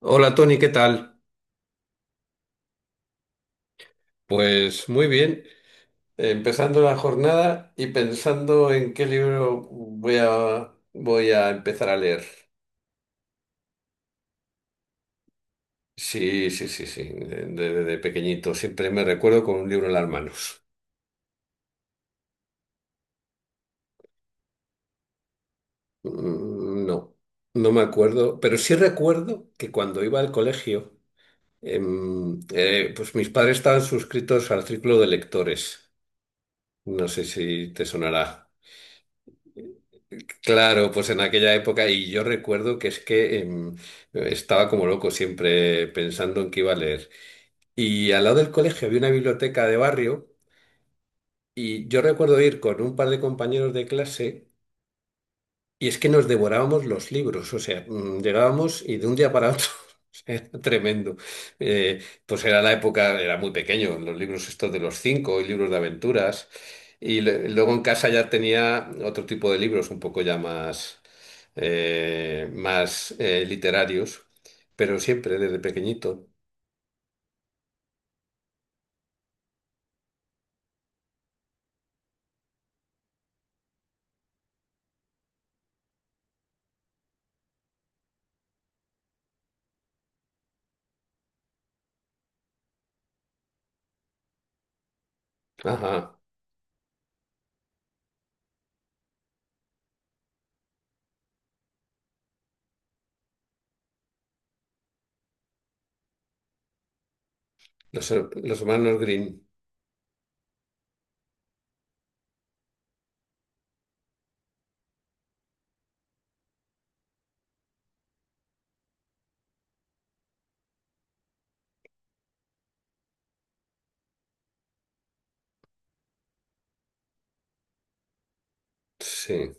Hola Tony, ¿qué tal? Pues muy bien, empezando la jornada y pensando en qué libro voy a empezar a leer. Sí, sí, sí, sí, de pequeñito siempre me recuerdo con un libro en las manos. Mm, no, no me acuerdo, pero sí recuerdo que cuando iba al colegio, pues mis padres estaban suscritos al círculo de lectores. No sé si te sonará. Claro, pues en aquella época, y yo recuerdo que es que estaba como loco siempre pensando en qué iba a leer. Y al lado del colegio había una biblioteca de barrio, y yo recuerdo ir con un par de compañeros de clase. Y es que nos devorábamos los libros, o sea, llegábamos y de un día para otro o sea, era tremendo. Pues era la época, era muy pequeño, los libros estos de los cinco y libros de aventuras. Luego en casa ya tenía otro tipo de libros, un poco ya más, más literarios, pero siempre desde pequeñito. Ajá, los, los hermanos Green, sí.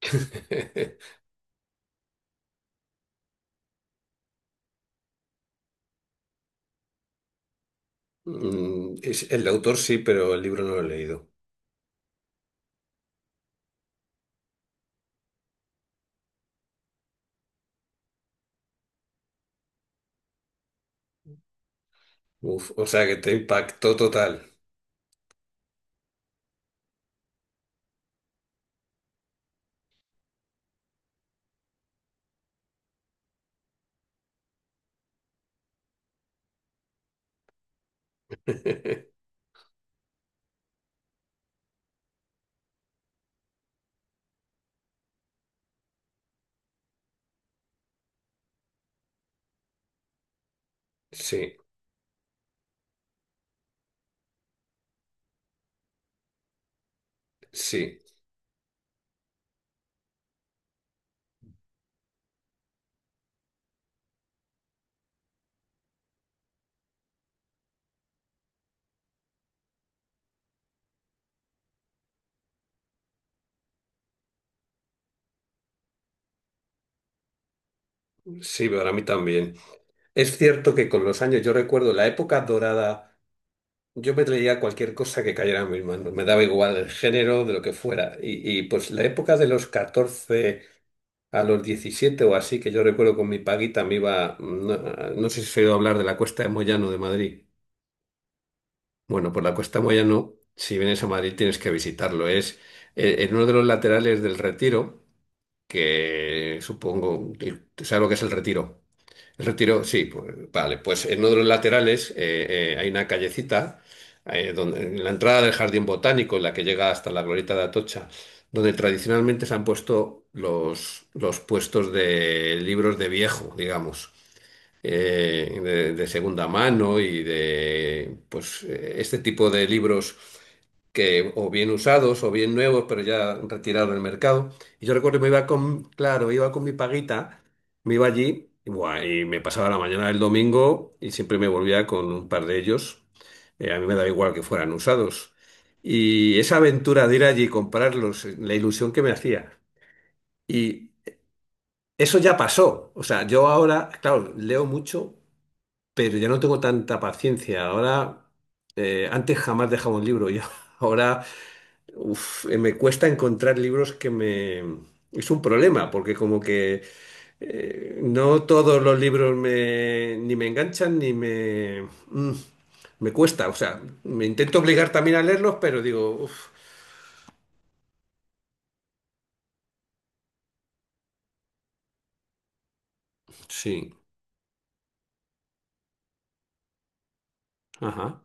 Mm, el autor sí, pero el libro no lo he leído. Uf, o sea que te impactó total. Sí, sí, sí, para mí también. Es cierto que con los años, yo recuerdo la época dorada, yo me leía cualquier cosa que cayera en mis manos, me daba igual el género, de lo que fuera. Pues la época de los 14 a los 17 o así, que yo recuerdo con mi paguita me iba, no, no sé si has oído hablar de la Cuesta de Moyano de Madrid. Bueno, por la Cuesta de Moyano, si vienes a Madrid tienes que visitarlo, es en uno de los laterales del Retiro. Que supongo, ¿sabes lo que es el Retiro? El Retiro, sí, pues, vale, pues en uno de los laterales hay una callecita, donde, en la entrada del Jardín Botánico, en la que llega hasta la Glorieta de Atocha, donde tradicionalmente se han puesto los puestos de libros de viejo, digamos de segunda mano y de pues este tipo de libros que o bien usados o bien nuevos, pero ya retirados del mercado. Y yo recuerdo que me iba con, claro, iba con mi paguita, me iba allí y, buah, y me pasaba la mañana del domingo y siempre me volvía con un par de ellos. A mí me daba igual que fueran usados. Y esa aventura de ir allí y comprarlos, la ilusión que me hacía. Y eso ya pasó. O sea, yo ahora, claro, leo mucho pero ya no tengo tanta paciencia. Ahora, antes jamás dejaba un libro. Yo ahora, uf, me cuesta encontrar libros que me... Es un problema, porque como que no todos los libros me, ni me enganchan, ni me... me cuesta. O sea, me intento obligar también a leerlos, pero digo, uf, sí, ajá,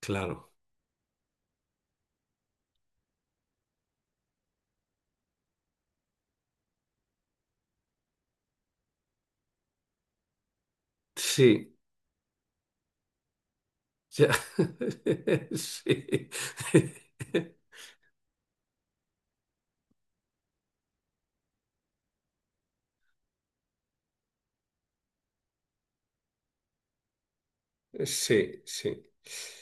claro. Sí, ya. Sí. Sí, sí.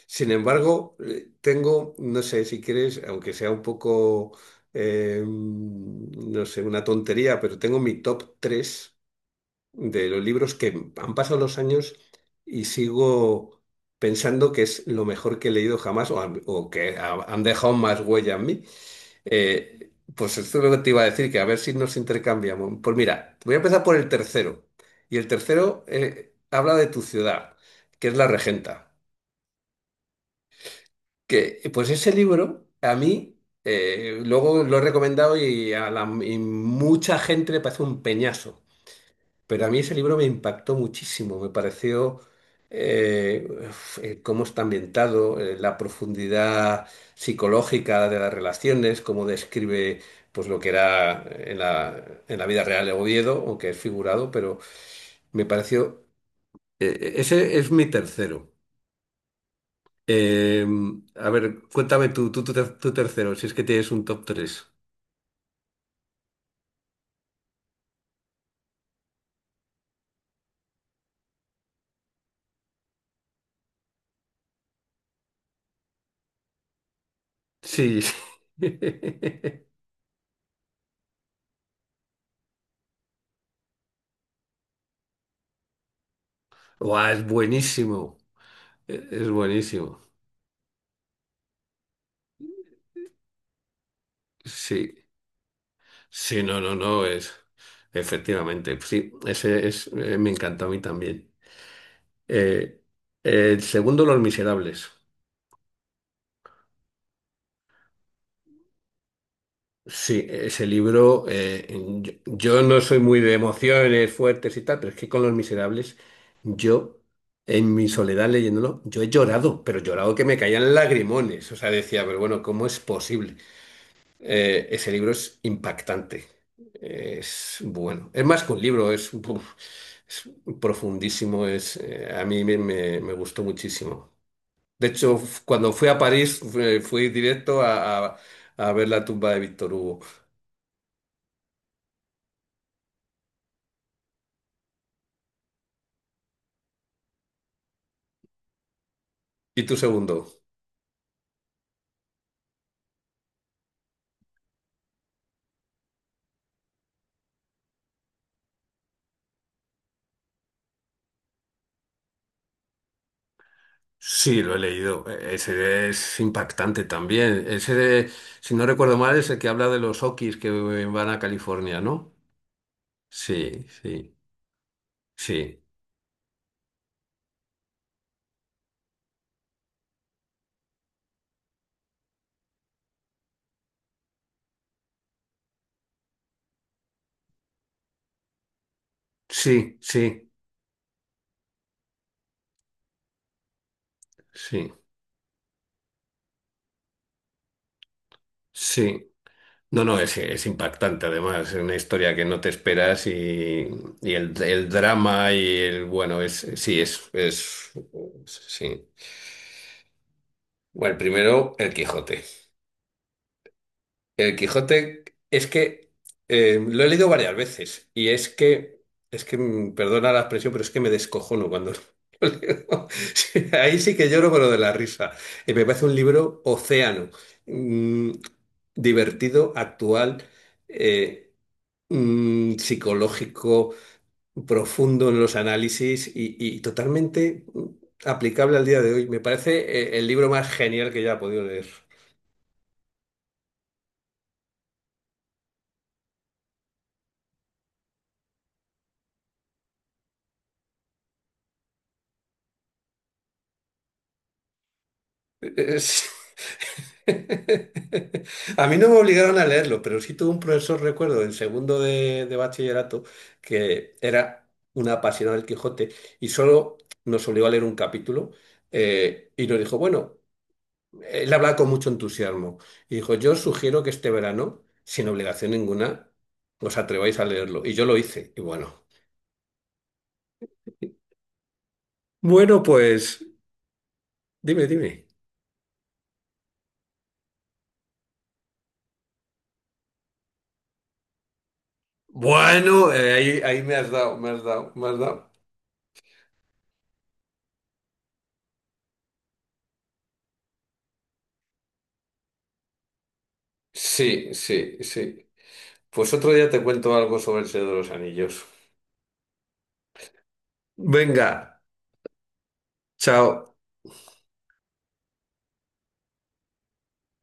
Sin embargo, tengo, no sé si quieres, aunque sea un poco, no sé, una tontería, pero tengo mi top 3 de los libros que han pasado los años y sigo pensando que es lo mejor que he leído jamás o que han dejado más huella en mí. Pues esto es lo que te iba a decir, que a ver si nos intercambiamos. Pues mira, voy a empezar por el tercero. Y el tercero habla de tu ciudad, que es La Regenta. Que, pues ese libro, a mí, luego lo he recomendado y mucha gente le parece un peñazo, pero a mí ese libro me impactó muchísimo, me pareció cómo está ambientado, la profundidad psicológica de las relaciones, cómo describe pues, lo que era en la vida real de Oviedo, aunque es figurado, pero me pareció, ese es mi tercero. Eh, a ver, cuéntame tu tercero, si es que tienes un top tres. Sí. Guau, es buenísimo. Es buenísimo. Sí. Sí, no, no, no, es. Efectivamente. Sí, ese es. Me encanta a mí también. Eh, el segundo, Los Miserables. Sí, ese libro, yo, yo no soy muy de emociones fuertes y tal, pero es que con Los Miserables, yo, en mi soledad leyéndolo, yo he llorado, pero llorado que me caían lagrimones. O sea, decía, pero bueno, ¿cómo es posible? Ese libro es impactante, es bueno. Es más que un libro, es, uf, es profundísimo, es, a mí me gustó muchísimo. De hecho, cuando fui a París, fui directo a ver la tumba de Víctor Hugo. ¿Y tu segundo? Sí, lo he leído. Ese es impactante también. Ese, si no recuerdo mal, es el que habla de los Okis que van a California, ¿no? Sí, sí, sí, sí, sí, sí, sí. No, no, es impactante además. Es una historia que no te esperas y el drama y el, bueno, es, sí, es, sí. Bueno, primero, El Quijote. El Quijote es que lo he leído varias veces y es que, mm, perdona la expresión, pero es que me descojono cuando lo leo. Sí, ahí sí que lloro, pero de la risa. Me parece un libro océano, mm, divertido, actual, eh, psicológico, profundo en los análisis y totalmente mm, aplicable al día de hoy. Me parece el libro más genial que ya he podido leer. A mí no me obligaron a leerlo, pero sí tuve un profesor, recuerdo, en segundo de bachillerato, que era una apasionada del Quijote y solo nos obligó a leer un capítulo y nos dijo, bueno, él hablaba con mucho entusiasmo y dijo, yo os sugiero que este verano, sin obligación ninguna, os atreváis a leerlo. Y yo lo hice. Y bueno, bueno, pues dime, dime. Bueno, ahí me has dado, me has dado, me has dado. Sí, sí, sí. Pues otro día te cuento algo sobre el Señor de los Anillos. Venga, chao.